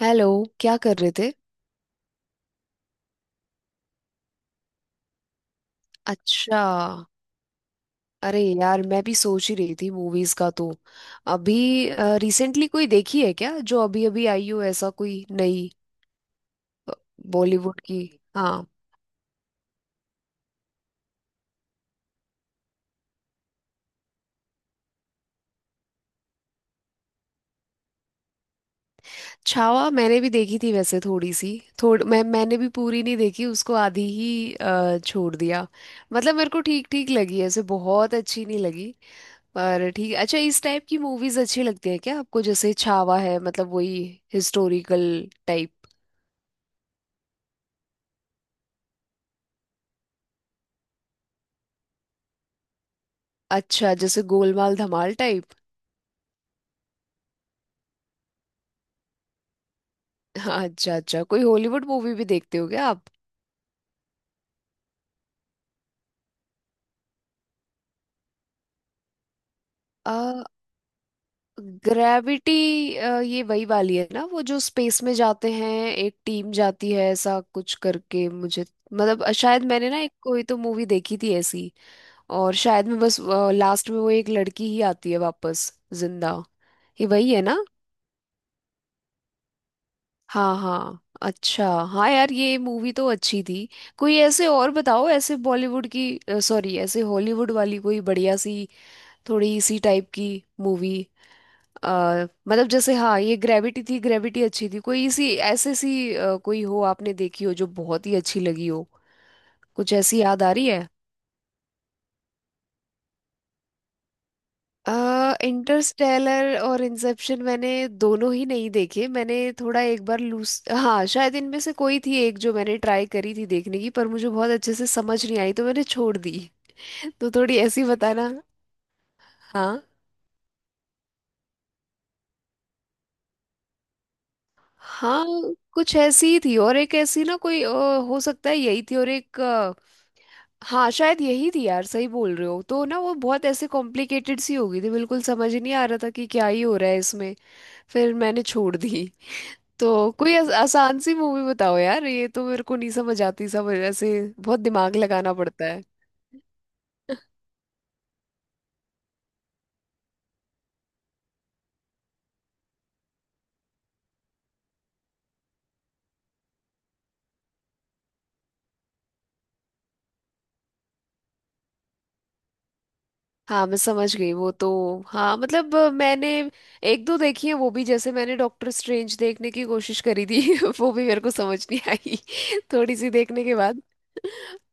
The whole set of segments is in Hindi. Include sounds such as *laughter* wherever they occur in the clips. हेलो। क्या कर रहे थे? अच्छा। अरे यार, मैं भी सोच ही रही थी मूवीज का। तो अभी रिसेंटली कोई देखी है क्या, जो अभी अभी आई हो, ऐसा कोई नई? बॉलीवुड की। हाँ। छावा मैंने भी देखी थी वैसे, थोड़ी सी। थोड़ मैं मैंने भी पूरी नहीं देखी उसको, आधी ही छोड़ दिया। मतलब मेरे को ठीक ठीक लगी ऐसे, बहुत अच्छी नहीं लगी। पर ठीक। अच्छा, इस टाइप की मूवीज अच्छी लगती है क्या आपको? जैसे छावा है, मतलब वही हिस्टोरिकल टाइप। अच्छा, जैसे गोलमाल धमाल टाइप। हाँ। अच्छा अच्छा, कोई हॉलीवुड मूवी भी देखते हो क्या आप? आ, ग्रेविटी। ये वही वाली है ना, वो जो स्पेस में जाते हैं, एक टीम जाती है ऐसा कुछ करके मुझे। मतलब शायद मैंने ना एक कोई तो मूवी देखी थी ऐसी। और शायद में बस लास्ट में वो एक लड़की ही आती है वापस, जिंदा। ये वही है ना। हाँ हाँ, अच्छा, हाँ यार, ये मूवी तो अच्छी थी। कोई ऐसे और बताओ ऐसे बॉलीवुड की, सॉरी ऐसे हॉलीवुड वाली, कोई बढ़िया सी, थोड़ी इसी टाइप की मूवी। मतलब जैसे, हाँ ये ग्रेविटी थी, ग्रेविटी अच्छी थी। कोई इसी ऐसे सी कोई हो आपने देखी हो जो बहुत ही अच्छी लगी हो। कुछ ऐसी याद आ रही है। इंटरस्टेलर और इंसेप्शन, मैंने दोनों ही नहीं देखे। मैंने थोड़ा एक बार लूस, हाँ शायद इनमें से कोई थी एक, जो मैंने ट्राई करी थी देखने की, पर मुझे बहुत अच्छे से समझ नहीं आई तो मैंने छोड़ दी। *laughs* तो थोड़ी ऐसी बताना। हाँ हाँ। कुछ ऐसी ही थी। और एक ऐसी ना कोई हो सकता है यही थी। और एक हाँ शायद यही थी यार, सही बोल रहे हो। तो ना वो बहुत ऐसे कॉम्प्लिकेटेड सी हो गई थी, बिल्कुल समझ ही नहीं आ रहा था कि क्या ही हो रहा है इसमें। फिर मैंने छोड़ दी। तो कोई आसान सी मूवी बताओ यार, ये तो मेरे को नहीं समझ आती सब ऐसे, बहुत दिमाग लगाना पड़ता है। हाँ मैं समझ गई वो तो। हाँ मतलब मैंने एक दो देखी है वो भी। जैसे मैंने डॉक्टर स्ट्रेंज देखने की कोशिश करी थी, *laughs* वो भी मेरे को समझ नहीं आई *laughs* थोड़ी सी देखने के बाद। *laughs*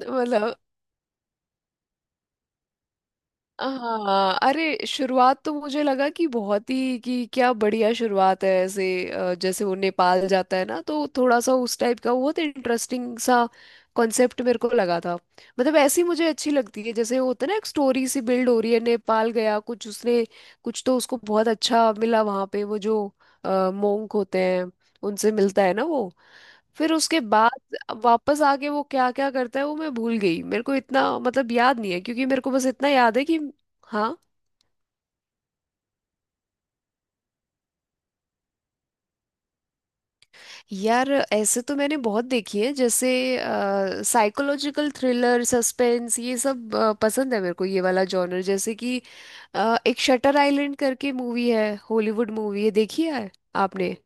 मतलब, हाँ अरे शुरुआत तो मुझे लगा कि बहुत ही, कि क्या बढ़िया शुरुआत है ऐसे। जैसे वो नेपाल जाता है ना, तो थोड़ा सा उस टाइप का बहुत इंटरेस्टिंग सा कॉन्सेप्ट मेरे को लगा था। मतलब ऐसी मुझे अच्छी लगती है, जैसे होता है ना एक स्टोरी सी बिल्ड हो रही है, नेपाल गया, कुछ उसने कुछ तो उसको बहुत अच्छा मिला वहाँ पे, वो जो मोंक होते हैं, उनसे मिलता है ना वो। फिर उसके बाद वापस आके वो क्या क्या करता है वो मैं भूल गई, मेरे को इतना मतलब याद नहीं है, क्योंकि मेरे को बस इतना याद है कि। हाँ। यार ऐसे तो मैंने बहुत देखी है। जैसे साइकोलॉजिकल थ्रिलर सस्पेंस, ये सब पसंद है मेरे को, ये वाला जॉनर। जैसे कि एक शटर आइलैंड करके मूवी है, हॉलीवुड मूवी है, देखी है आपने?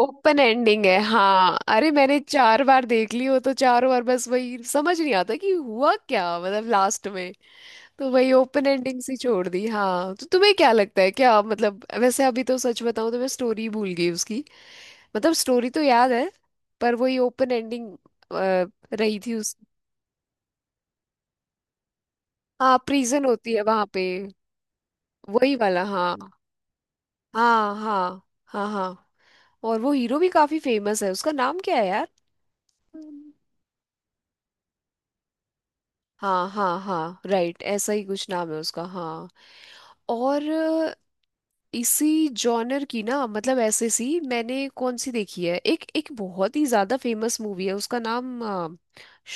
ओपन एंडिंग है हाँ। अरे मैंने चार बार देख ली वो तो, चारों बार बस वही समझ नहीं आता कि हुआ क्या मतलब लास्ट में। तो वही ओपन एंडिंग सी छोड़ दी। हाँ तो तुम्हें क्या लगता है क्या मतलब? वैसे अभी तो सच बताऊं तो मैं स्टोरी भूल गई उसकी। मतलब स्टोरी तो याद है, पर वही ओपन एंडिंग रही थी उस। हाँ, प्रिजन होती है वहां पे। वही वाला, हाँ हाँ। हाँ हाँ। हाँ, और वो हीरो भी काफी फेमस है, उसका नाम क्या है? यार, हाँ हाँ हाँ, राइट, ऐसा ही कुछ नाम है उसका। हाँ। और इसी जॉनर की ना, मतलब ऐसे सी मैंने कौन सी देखी है, एक एक बहुत ही ज्यादा फेमस मूवी है, उसका नाम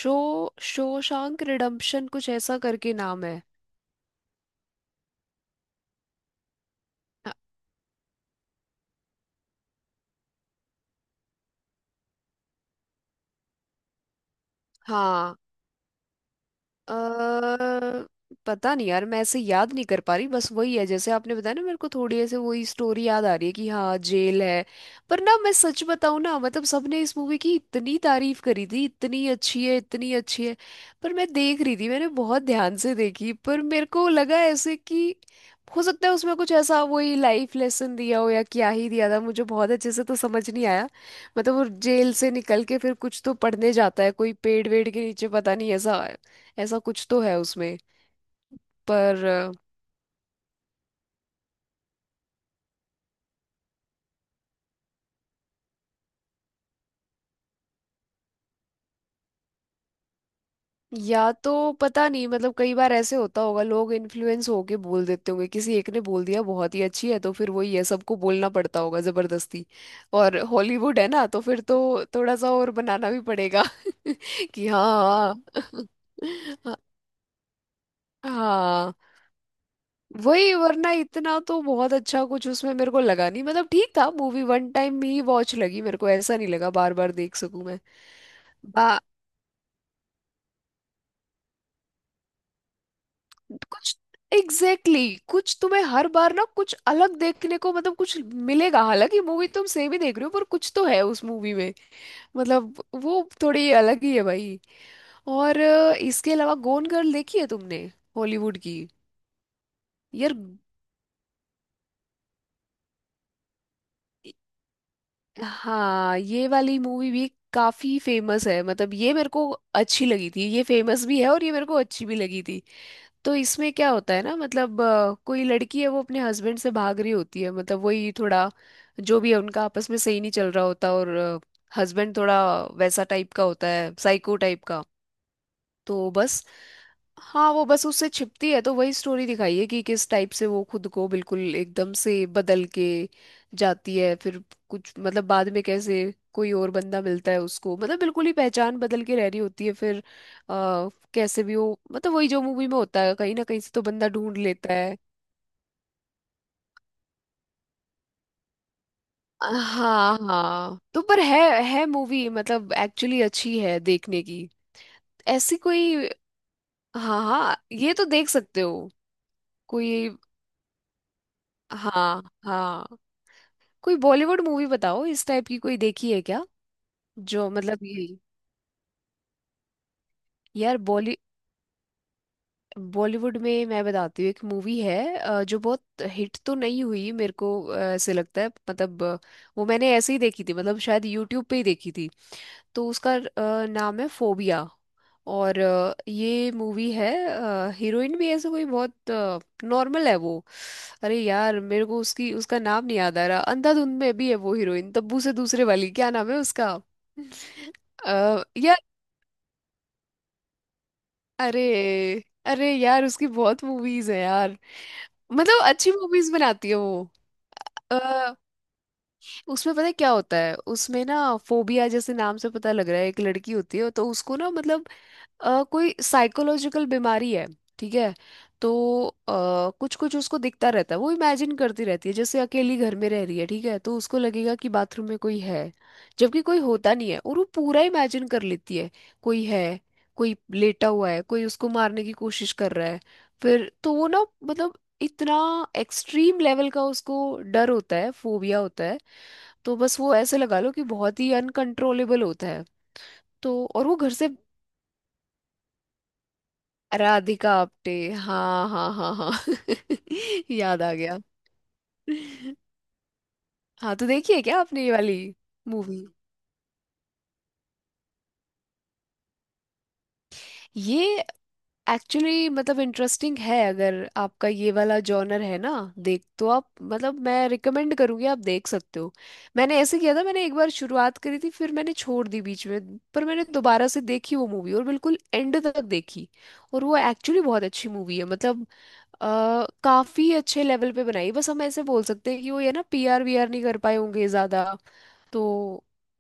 शो शोशांक रिडेम्पशन कुछ ऐसा करके नाम है। हाँ। अ, पता नहीं यार, मैं ऐसे याद नहीं कर पा रही, बस वही है जैसे आपने बताया ना, मेरे को थोड़ी ऐसे वही स्टोरी याद आ रही है कि हाँ जेल है। पर ना मैं सच बताऊं ना, मतलब सबने इस मूवी की इतनी तारीफ करी थी, इतनी अच्छी है इतनी अच्छी है। पर मैं देख रही थी, मैंने बहुत ध्यान से देखी, पर मेरे को लगा ऐसे कि हो सकता है उसमें कुछ ऐसा, वही लाइफ लेसन दिया हो या क्या ही दिया था, मुझे बहुत अच्छे से तो समझ नहीं आया। मतलब वो जेल से निकल के फिर कुछ तो पढ़ने जाता है कोई पेड़ वेड़ के नीचे, पता नहीं, ऐसा ऐसा कुछ तो है उसमें। पर या तो पता नहीं, मतलब कई बार ऐसे होता होगा, लोग इन्फ्लुएंस होके बोल देते होंगे। किसी एक ने बोल दिया बहुत ही अच्छी है, तो फिर वही है, सबको बोलना पड़ता होगा जबरदस्ती। और हॉलीवुड है ना, तो फिर तो थोड़ा सा और बनाना भी पड़ेगा। *laughs* कि हाँ। हाँ हाँ, वही वरना इतना तो बहुत अच्छा कुछ उसमें मेरे को लगा नहीं। मतलब ठीक था, मूवी वन टाइम ही वॉच लगी मेरे को, ऐसा नहीं लगा बार बार देख सकूं मैं। कुछ। एग्जैक्टली exactly, कुछ तुम्हें हर बार ना कुछ अलग देखने को मतलब कुछ मिलेगा, हालांकि मूवी तुम सेम ही देख रहे हो, पर कुछ तो है उस मूवी में। मतलब वो थोड़ी अलग ही है भाई। और इसके अलावा गोन गर्ल देखी है तुमने? हॉलीवुड की। यार। हाँ, ये वाली मूवी भी काफी फेमस है, मतलब ये मेरे को अच्छी लगी थी, ये फेमस भी है और ये मेरे को अच्छी भी लगी थी। तो इसमें क्या होता है ना, मतलब कोई लड़की है, वो अपने हस्बैंड से भाग रही होती है, मतलब वही थोड़ा जो भी है उनका आपस में सही नहीं चल रहा होता, और हस्बैंड थोड़ा वैसा टाइप का होता है, साइको टाइप का। तो बस। हाँ वो बस उससे छिपती है, तो वही स्टोरी दिखाई है कि किस टाइप से वो खुद को बिल्कुल एकदम से बदल के जाती है। फिर कुछ मतलब बाद में कैसे कोई और बंदा मिलता है उसको, मतलब बिल्कुल ही पहचान बदल के रह रही होती है फिर। आ, कैसे भी हो, मतलब वही जो मूवी में होता है कहीं ना कहीं से तो बंदा ढूंढ लेता है। हाँ हाँ, तो पर है मूवी मतलब एक्चुअली अच्छी है देखने की, ऐसी कोई। हाँ हाँ, ये तो देख सकते हो कोई। हाँ हाँ, कोई बॉलीवुड मूवी बताओ इस टाइप की, कोई देखी है क्या? जो मतलब यही। यार बॉलीवुड में मैं बताती हूँ एक मूवी है, जो बहुत हिट तो नहीं हुई मेरे को, ऐसे लगता है मतलब वो मैंने ऐसे ही देखी थी, मतलब शायद यूट्यूब पे ही देखी थी। तो उसका नाम है फोबिया। और ये मूवी है, हीरोइन भी ऐसे कोई बहुत नॉर्मल है वो। अरे यार, मेरे को उसकी उसका नाम नहीं याद आ रहा। अंधाधुंध में भी है वो हीरोइन, तब्बू से दूसरे वाली, क्या नाम है उसका? *laughs* अ, यार। अरे अरे यार, उसकी बहुत मूवीज है यार, मतलब अच्छी मूवीज बनाती है वो। अ, उसमें पता है क्या होता है, उसमें ना फोबिया जैसे नाम से पता लग रहा है, एक लड़की होती है, तो उसको ना मतलब कोई साइकोलॉजिकल बीमारी है, ठीक है। तो कुछ कुछ उसको दिखता रहता है, वो इमेजिन करती रहती है, जैसे अकेली घर में रह रही है ठीक है, तो उसको लगेगा कि बाथरूम में कोई है, जबकि कोई होता नहीं है, और वो पूरा इमेजिन कर लेती है, कोई है, कोई लेटा हुआ है, कोई उसको मारने की कोशिश कर रहा है। फिर तो वो ना, मतलब इतना एक्सट्रीम लेवल का उसको डर होता है, फोबिया होता है, तो बस वो ऐसे लगा लो कि बहुत ही अनकंट्रोलेबल होता है। तो और वो घर से। राधिका आप्टे, हाँ हाँ हाँ हाँ। *laughs* याद आ गया। हाँ, तो देखिए क्या आपने ये वाली मूवी। ये एक्चुअली मतलब इंटरेस्टिंग है, अगर आपका ये वाला जॉनर है ना। देख तो आप, मतलब मैं रिकमेंड करूँगी, आप देख सकते हो। मैंने ऐसे किया था, मैंने एक बार शुरुआत करी थी फिर मैंने छोड़ दी बीच में, पर मैंने दोबारा से देखी वो मूवी और बिल्कुल एंड तक देखी। और वो एक्चुअली बहुत अच्छी मूवी है, मतलब काफी अच्छे लेवल पे बनाई। बस हम ऐसे बोल सकते हैं कि वो ये ना पीआर वीआर नहीं कर पाए होंगे ज्यादा, तो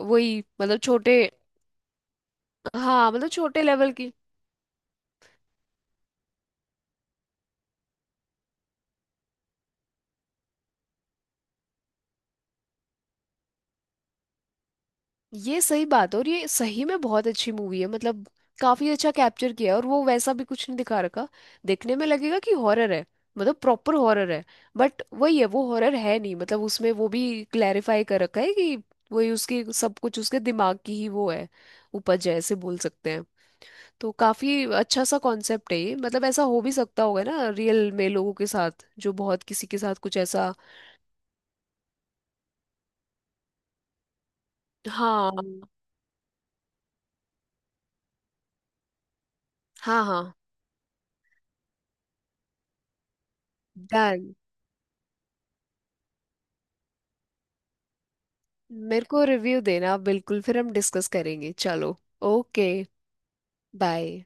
वही मतलब छोटे। हाँ मतलब छोटे लेवल की। ये सही बात है, और ये सही में बहुत अच्छी मूवी है, मतलब काफी अच्छा कैप्चर किया है, और वो वैसा भी कुछ नहीं दिखा रखा, देखने में लगेगा कि हॉरर है, मतलब प्रॉपर हॉरर है। बट वही है, वो हॉरर है नहीं, मतलब उसमें वो भी क्लैरिफाई कर रखा है कि वही उसकी सब कुछ उसके दिमाग की ही वो है, उपज है ऐसे बोल सकते हैं। तो काफी अच्छा सा कॉन्सेप्ट है ये, मतलब ऐसा हो भी सकता होगा ना रियल में लोगों के साथ जो बहुत किसी के साथ कुछ ऐसा। हाँ हाँ हाँ। डन। मेरे को रिव्यू देना बिल्कुल, फिर हम डिस्कस करेंगे। चलो, ओके। बाय।